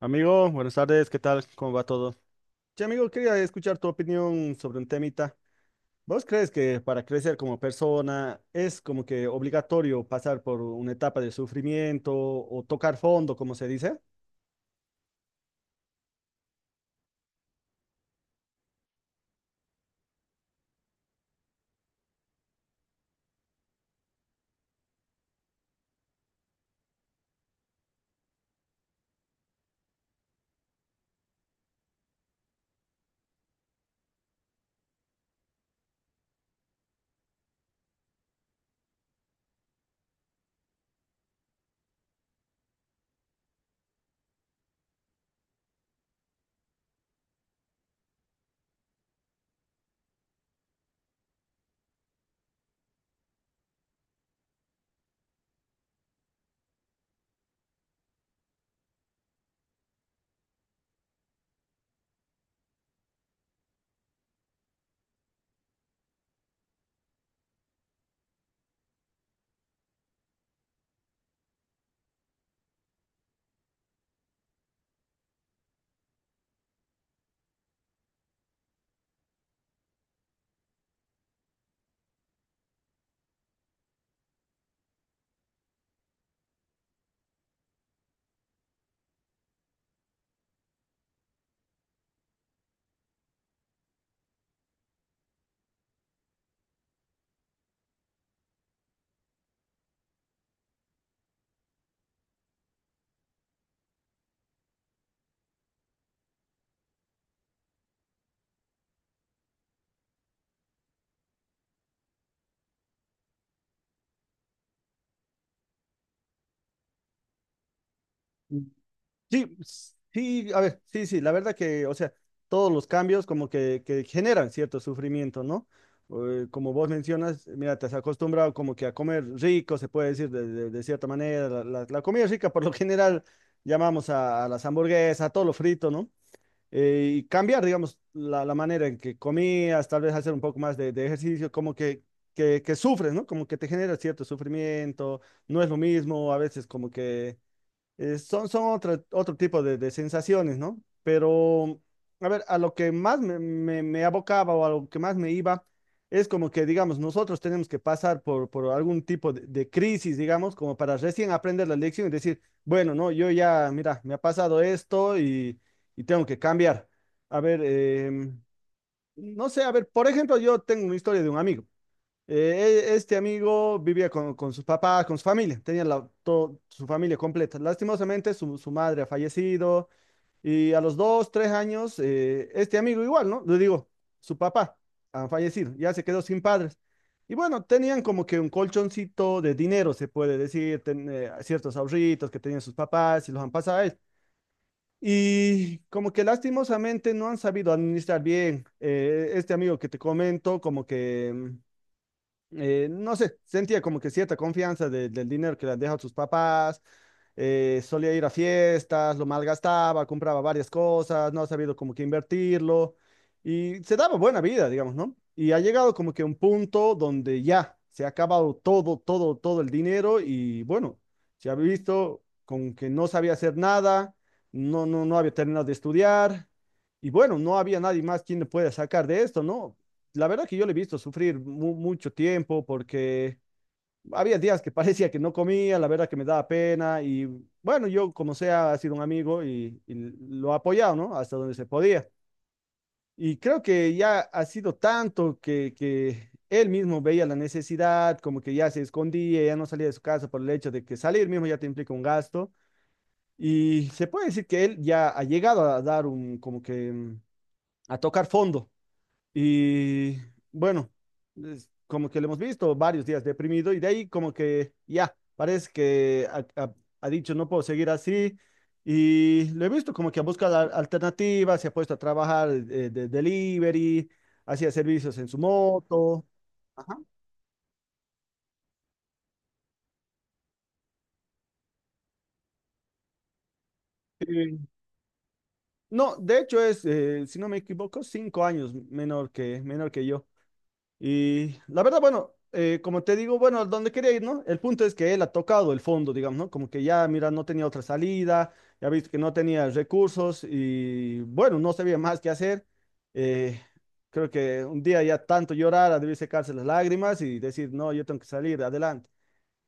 Amigo, buenas tardes, ¿qué tal? ¿Cómo va todo? Sí, amigo, quería escuchar tu opinión sobre un temita. ¿Vos crees que para crecer como persona es como que obligatorio pasar por una etapa de sufrimiento o tocar fondo, como se dice? Sí, sí, a ver, sí, sí, la verdad que, o sea, todos los cambios como que generan cierto sufrimiento, ¿no? Como vos mencionas, mira, te has acostumbrado como que a comer rico, se puede decir de cierta manera, la comida rica por lo general llamamos a las hamburguesas, a todo lo frito, ¿no? Y cambiar, digamos, la manera en que comías, tal vez hacer un poco más de ejercicio, como que, que sufres, ¿no? Como que te genera cierto sufrimiento, no es lo mismo, a veces como que son otro tipo de sensaciones, ¿no? Pero, a ver, a lo que más me abocaba o a lo que más me iba, es como que, digamos, nosotros tenemos que pasar por algún tipo de crisis, digamos, como para recién aprender la lección y decir, bueno, no, yo ya, mira, me ha pasado esto y tengo que cambiar. A ver, no sé, a ver, por ejemplo, yo tengo una historia de un amigo. Este amigo vivía con sus papás, con su familia, tenía la, todo, su familia completa. Lastimosamente, su madre ha fallecido y a los dos, tres años, este amigo igual, ¿no? Le digo, su papá ha fallecido, ya se quedó sin padres. Y bueno, tenían como que un colchoncito de dinero, se puede decir, ciertos ahorritos que tenían sus papás y los han pasado a él. Y como que lastimosamente no han sabido administrar bien. Este amigo que te comento, como que... no sé, sentía como que cierta confianza del dinero que le han dejado sus papás. Eh, solía ir a fiestas, lo malgastaba, compraba varias cosas, no ha sabido como que invertirlo y se daba buena vida, digamos, ¿no? Y ha llegado como que a un punto donde ya se ha acabado todo, todo el dinero y bueno, se ha visto con que no sabía hacer nada, no había terminado de estudiar. Y bueno, no había nadie más quien le pueda sacar de esto, ¿no? La verdad que yo le he visto sufrir mucho tiempo porque había días que parecía que no comía, la verdad que me daba pena y bueno, yo como sea, ha sido un amigo y lo he apoyado, ¿no? Hasta donde se podía. Y creo que ya ha sido tanto que él mismo veía la necesidad, como que ya se escondía, ya no salía de su casa por el hecho de que salir mismo ya te implica un gasto. Y se puede decir que él ya ha llegado a dar un, como que, a tocar fondo. Y bueno, es como que lo hemos visto varios días deprimido y de ahí como que ya, parece que ha dicho no puedo seguir así. Y lo he visto como que ha buscado alternativas, se ha puesto a trabajar de delivery, hacía servicios en su moto. Ajá. Sí. No, de hecho es, si no me equivoco, cinco años menor que yo. Y la verdad, bueno, como te digo, bueno, donde quería ir, ¿no? El punto es que él ha tocado el fondo, digamos, ¿no? Como que ya, mira, no tenía otra salida, ya viste que no tenía recursos y bueno, no sabía más qué hacer. Eh, Creo que un día ya tanto llorar, debí secarse las lágrimas y decir, no, yo tengo que salir adelante.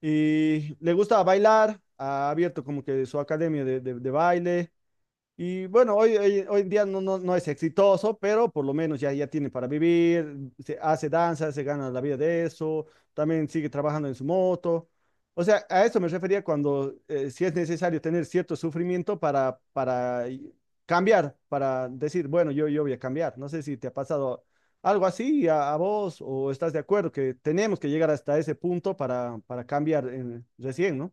Y le gusta bailar, ha abierto como que su academia de, de baile. Y bueno, hoy, hoy en día no es exitoso, pero por lo menos ya, ya tiene para vivir, se hace danza, se gana la vida de eso, también sigue trabajando en su moto. O sea, a eso me refería cuando si es necesario tener cierto sufrimiento para, cambiar, para decir, bueno, yo voy a cambiar. No sé si te ha pasado algo así a vos o estás de acuerdo que tenemos que llegar hasta ese punto para cambiar recién, ¿no?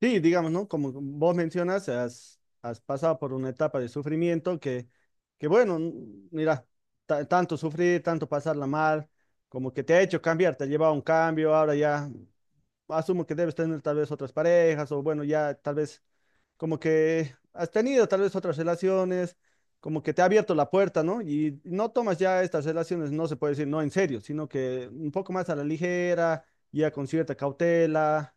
Sí, digamos, ¿no? Como vos mencionas, has, has pasado por una etapa de sufrimiento que bueno, mira, tanto sufrir, tanto pasarla mal, como que te ha hecho cambiar, te ha llevado a un cambio, ahora ya asumo que debes tener tal vez otras parejas o bueno, ya tal vez como que has tenido tal vez otras relaciones, como que te ha abierto la puerta, ¿no? Y no tomas ya estas relaciones, no se puede decir no en serio, sino que un poco más a la ligera, ya con cierta cautela.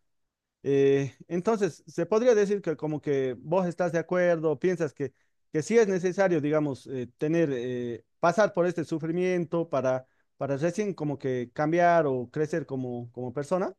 Entonces, se podría decir que como que vos estás de acuerdo, piensas que sí es necesario, digamos, tener, pasar por este sufrimiento para recién como que cambiar o crecer como, como persona.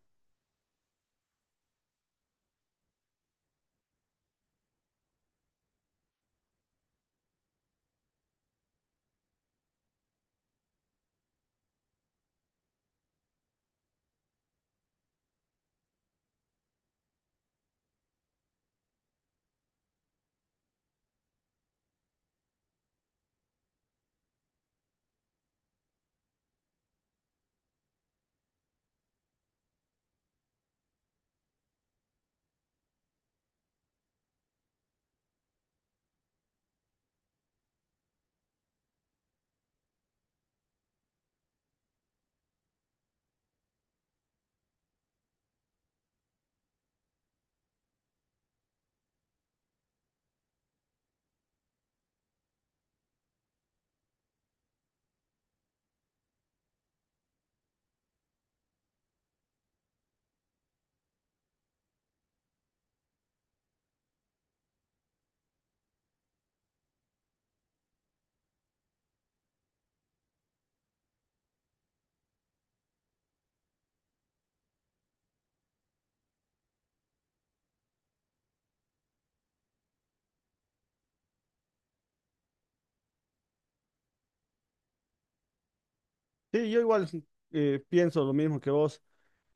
Sí, yo igual pienso lo mismo que vos.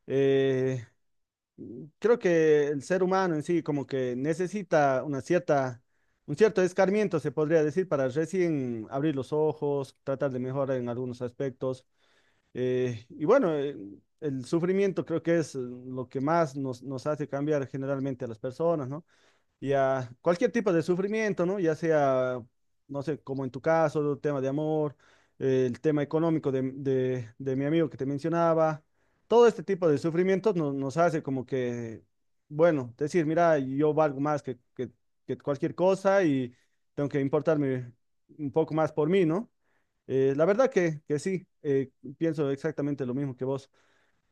Eh, Creo que el ser humano en sí como que necesita una cierta, un cierto escarmiento, se podría decir, para recién abrir los ojos, tratar de mejorar en algunos aspectos. Y bueno, el sufrimiento creo que es lo que más nos, nos hace cambiar generalmente a las personas, ¿no? Y a cualquier tipo de sufrimiento, ¿no? Ya sea, no sé, como en tu caso, el tema de amor, el tema económico de mi amigo que te mencionaba, todo este tipo de sufrimientos nos hace como que, bueno, decir, mira, yo valgo más que, que cualquier cosa y tengo que importarme un poco más por mí, ¿no? La verdad que sí, pienso exactamente lo mismo que vos.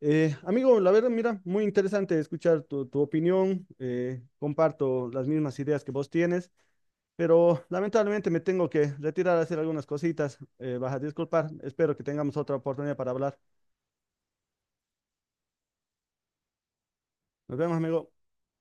Amigo, la verdad, mira, muy interesante escuchar tu, tu opinión. Comparto las mismas ideas que vos tienes, pero lamentablemente me tengo que retirar a hacer algunas cositas. Vas a disculpar. Espero que tengamos otra oportunidad para hablar. Nos vemos, amigo.